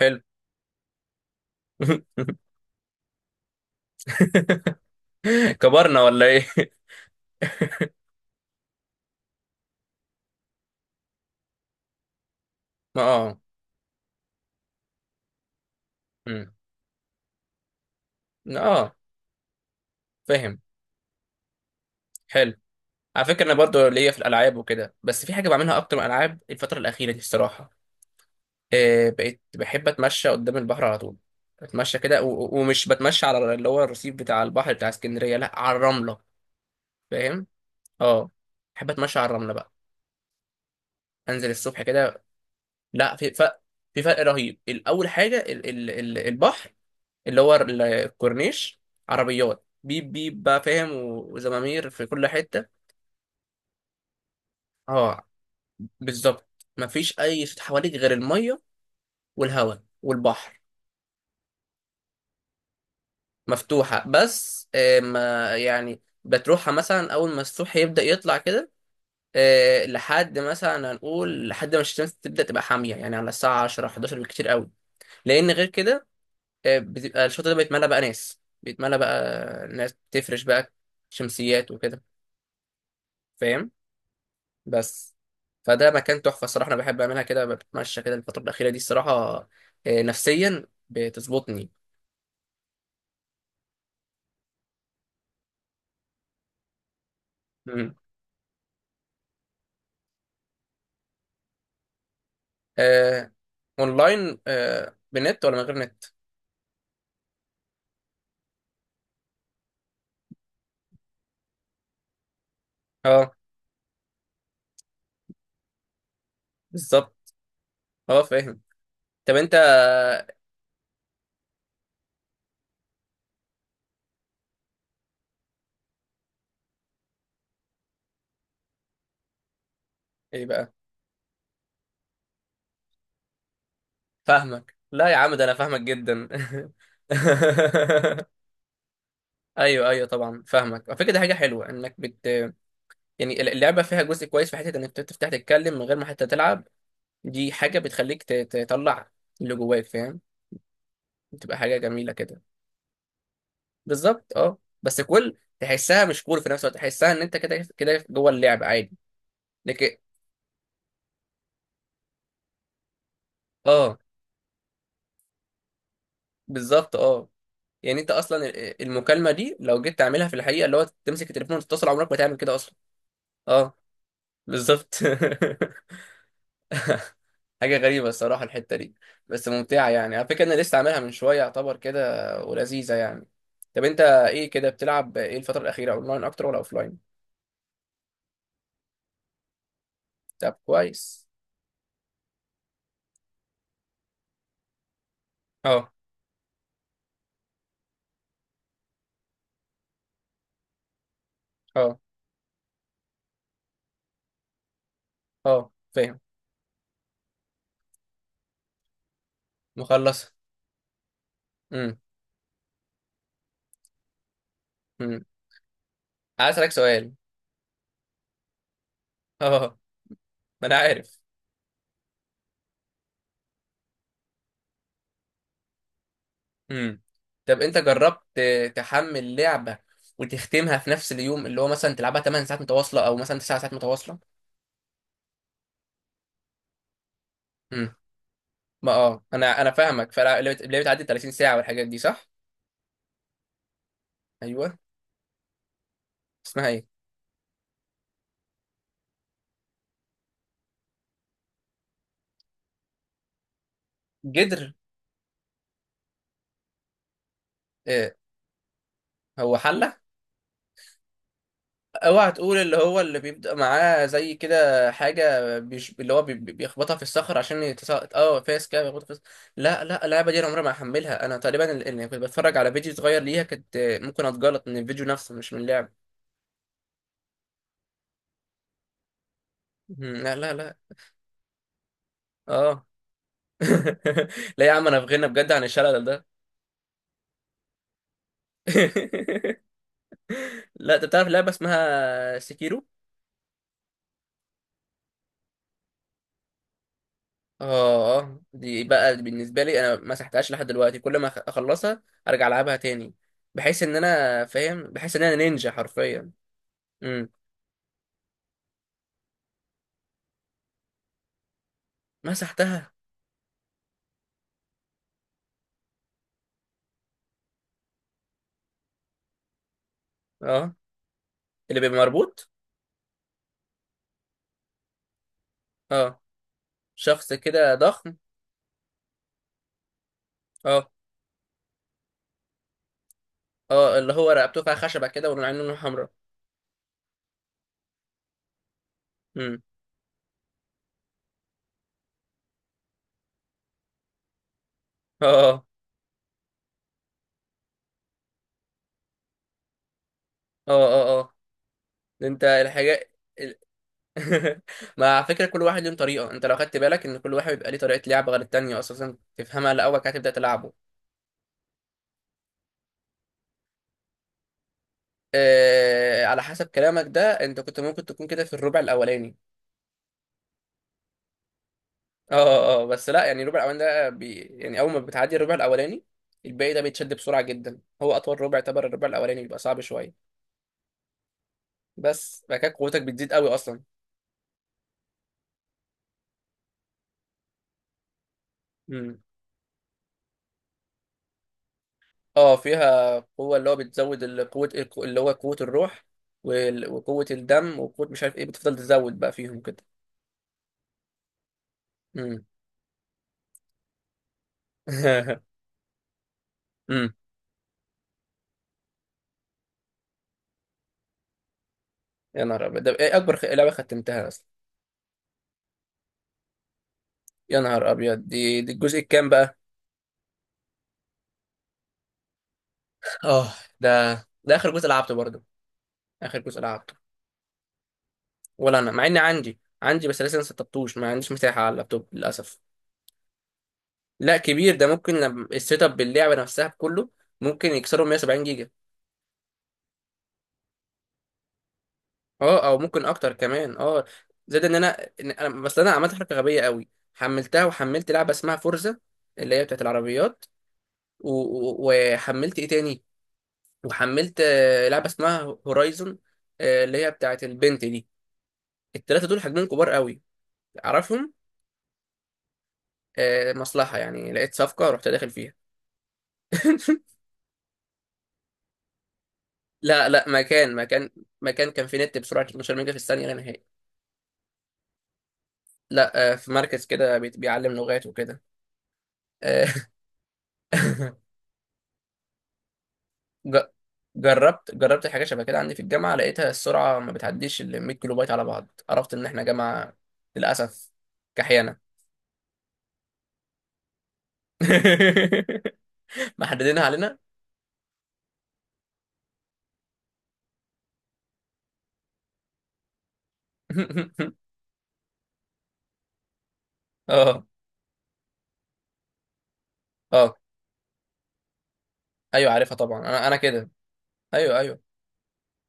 حلو. كبرنا ولا ايه؟ ما اه أمم. اه، فاهم. حلو. على فكره انا برضو ليا في الالعاب وكده، بس في حاجه بعملها اكتر من الالعاب الفتره الاخيره دي الصراحه. بقيت بحب اتمشى قدام البحر على طول. اتمشى كده و- و- ومش بتمشى على اللي هو الرصيف بتاع البحر بتاع اسكندريه، لا، على الرمله. فاهم. اه، بحب اتمشى على الرمله بقى. انزل الصبح كده. لا، في فرق. في فرق رهيب. الاول حاجه ال ال ال البحر، اللي هو الكورنيش، عربيات بيب بيب بقى فاهم و- وزمامير في كل حتة. اه، بالظبط. مفيش أي صوت حواليك غير المية والهواء والبحر. مفتوحة، بس ما يعني بتروحها مثلا أول ما الصبح يبدأ يطلع كده، لحد مثلا هنقول لحد ما الشمس تبدأ تبقى حامية، يعني على الساعة 10 11 بالكتير قوي. لأن غير كده، بتبقى الشاطئ ده بيتملى بقى ناس، بيتملى بقى ناس بتفرش بقى شمسيات وكده. فاهم. بس، فده مكان تحفة الصراحة. أنا بحب أعملها كده، بتمشى كده الفترة الأخيرة دي الصراحة. نفسيا بتظبطني. مم. آه. أونلاين، آه، بنت ولا من غير نت؟ أه، بالظبط. أه، فاهم. طب أنت إيه بقى؟ فاهمك. لا يا عم، ده أنا فاهمك جدا. ايوه ايوه طبعا، فاهمك. على فكره دي حاجه حلوه انك يعني اللعبه فيها جزء كويس، في حته انك تفتح تتكلم من غير ما حتى تلعب. دي حاجه بتخليك تطلع اللي جواك، فاهم؟ بتبقى حاجه جميله كده. بالظبط، اه. بس كل تحسها مش كول في نفس الوقت، تحسها ان انت كده كده جوه اللعب عادي. لكن اه، بالظبط اه. يعني انت اصلا المكالمه دي لو جيت تعملها في الحقيقه، اللي هو تمسك التليفون وتتصل، عمرك ما تعمل كده اصلا. اه، بالظبط. حاجه غريبه الصراحه الحته دي. بس ممتعه يعني. على فكره انا لسه عاملها من شويه يعتبر كده، ولذيذه يعني. طب انت ايه كده، بتلعب ايه الفتره الاخيره، اونلاين اكتر ولا اوفلاين؟ طب كويس. اه اه، اه فاهم. مخلص. امم. عايز اسالك سؤال. اه. ما انا عارف. امم. طب انت جربت تحمل لعبه وتختمها في نفس اليوم، اللي هو مثلا تلعبها 8 ساعات متواصله، او مثلا 9 ساعات متواصله؟ امم. ما اه انا فاهمك. فاللعبه بتعدي 30 ساعه والحاجات دي صح؟ ايوه، اسمها ايه؟ جدر. آه. هو حله. اوعى تقول، اللي هو اللي بيبدأ معاه زي كده حاجة اللي هو بيخبطها في الصخر عشان يتساقط. اه، فاس كده بيخبطها في الصخر. لا لا، اللعبة دي انا عمري ما هحملها. انا تقريبا اللي كنت بتفرج على فيديو صغير ليها كنت ممكن اتجلط من الفيديو نفسه مش من اللعبة. مم، لا لا لا. اه. لا يا عم، انا في غنى بجد عن الشلل ده. لا انت بتعرف لعبة اسمها سكيرو؟ اه اه، دي بقى بالنسبه لي انا ما مسحتهاش لحد دلوقتي. كل ما اخلصها ارجع العبها تاني. بحيث ان انا فاهم، بحيث ان انا نينجا حرفيا. امم. مسحتها. اه، اللي بيبقى مربوط. اه، شخص كده ضخم. اه اه، اللي هو رقبته فيها خشبه كده والعين لونها حمراء. امم. اه اه اه. اه، آه. ده انت الحاجه ال- مع فكره كل واحد له طريقه. انت لو خدت بالك، ان كل واحد بيبقى ليه طريقه لعب غير التانيه، اساسا تفهمها الاول كده تبدا تلعبه. على حسب كلامك ده انت كنت ممكن تكون كده في الربع الاولاني. اه اه اه، بس لا يعني الربع الاولاني ده بي يعني اول ما بتعدي الربع الاولاني، الباقي ده بيتشد بسرعه جدا. هو اطول ربع يعتبر الربع الاولاني، بيبقى صعب شويه. بس بعد كده قوتك بتزيد قوي اصلا. امم. اه، فيها قوه اللي هو بتزود قوه اللي هو قوه الروح وقوه الدم وقوه مش عارف ايه، بتفضل تزود بقى فيهم كده. امم. امم. يا نهار ابيض ده ايه، اكبر لعبه ختمتها اصلا. يا نهار ابيض، دي الجزء الكام بقى؟ اه، ده ده اخر جزء لعبته برضه. اخر جزء لعبته. ولا انا، مع اني عندي عندي، بس لسه ما سطبتوش ما عنديش مساحه على اللابتوب للاسف. لا، كبير ده. ممكن لما السيت اب باللعبه نفسها بكله، ممكن يكسروا 170 جيجا. اه، او ممكن اكتر كمان اه. زائد ان انا، إن انا بس انا عملت حركه غبيه قوي، حملتها وحملت لعبه اسمها فورزا، اللي هي بتاعت العربيات. و... و- وحملت ايه تاني، وحملت لعبه اسمها هورايزون، اللي هي بتاعت البنت دي. التلاته دول حجمهم كبار قوي، اعرفهم. مصلحة يعني، لقيت صفقة رحت داخل فيها. لا لا، مكان كان في نت بسرعة 12 ميجا في الثانية لا نهائي. لا في مركز كده بيعلم لغات وكده. آه، ج- جربت حاجة شبه كده عندي في الجامعة، لقيتها السرعة ما بتعديش ال 100 كيلو بايت على بعض. عرفت إن إحنا جامعة للأسف كحيانة. محددينها علينا. اه اه، ايوه عارفها طبعا. انا كده. ايوه ايوه،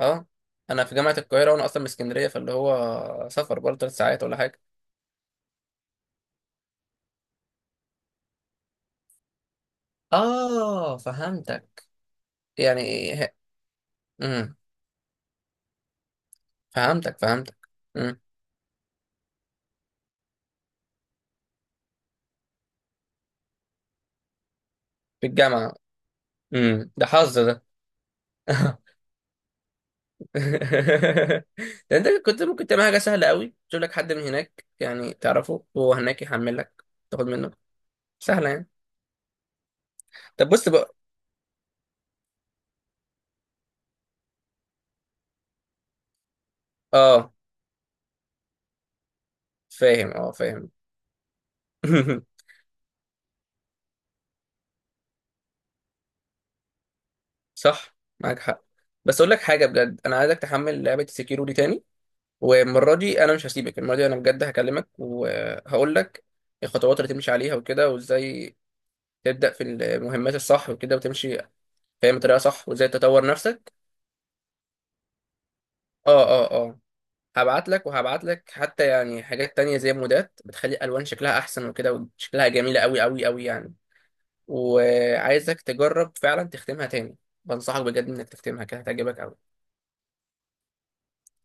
اه. انا في جامعه القاهره وانا اصلا من اسكندريه، فاللي هو سفر برضه 3 ساعات ولا حاجه. اه، فهمتك. يعني إيه؟ امم. فهمتك فهمتك. امم. في الجامعه. امم، ده حظ ده. ده انت كنت ممكن تعمل حاجه سهله قوي، تجيب لك حد من هناك يعني تعرفه وهو هناك يحمل لك، تاخد منه. سهله يعني. طب بص بقى. اه فاهم، اه فاهم. صح، معاك حق. بس اقول لك حاجه بجد، انا عايزك تحمل لعبه سكيرو دي تاني. والمرة دي أنا مش هسيبك، المرة دي أنا بجد هكلمك وهقول لك الخطوات اللي تمشي عليها وكده، وإزاي تبدأ في المهمات الصح وكده وتمشي فاهم بطريقة صح، وإزاي تطور نفسك. اه اه اه، هبعت لك. وهبعت لك حتى يعني حاجات تانية زي مودات بتخلي الألوان شكلها أحسن وكده، وشكلها جميلة أوي أوي أوي يعني. وعايزك تجرب فعلا تختمها تاني. بنصحك بجد إنك تختمها، كده هتعجبك أوي.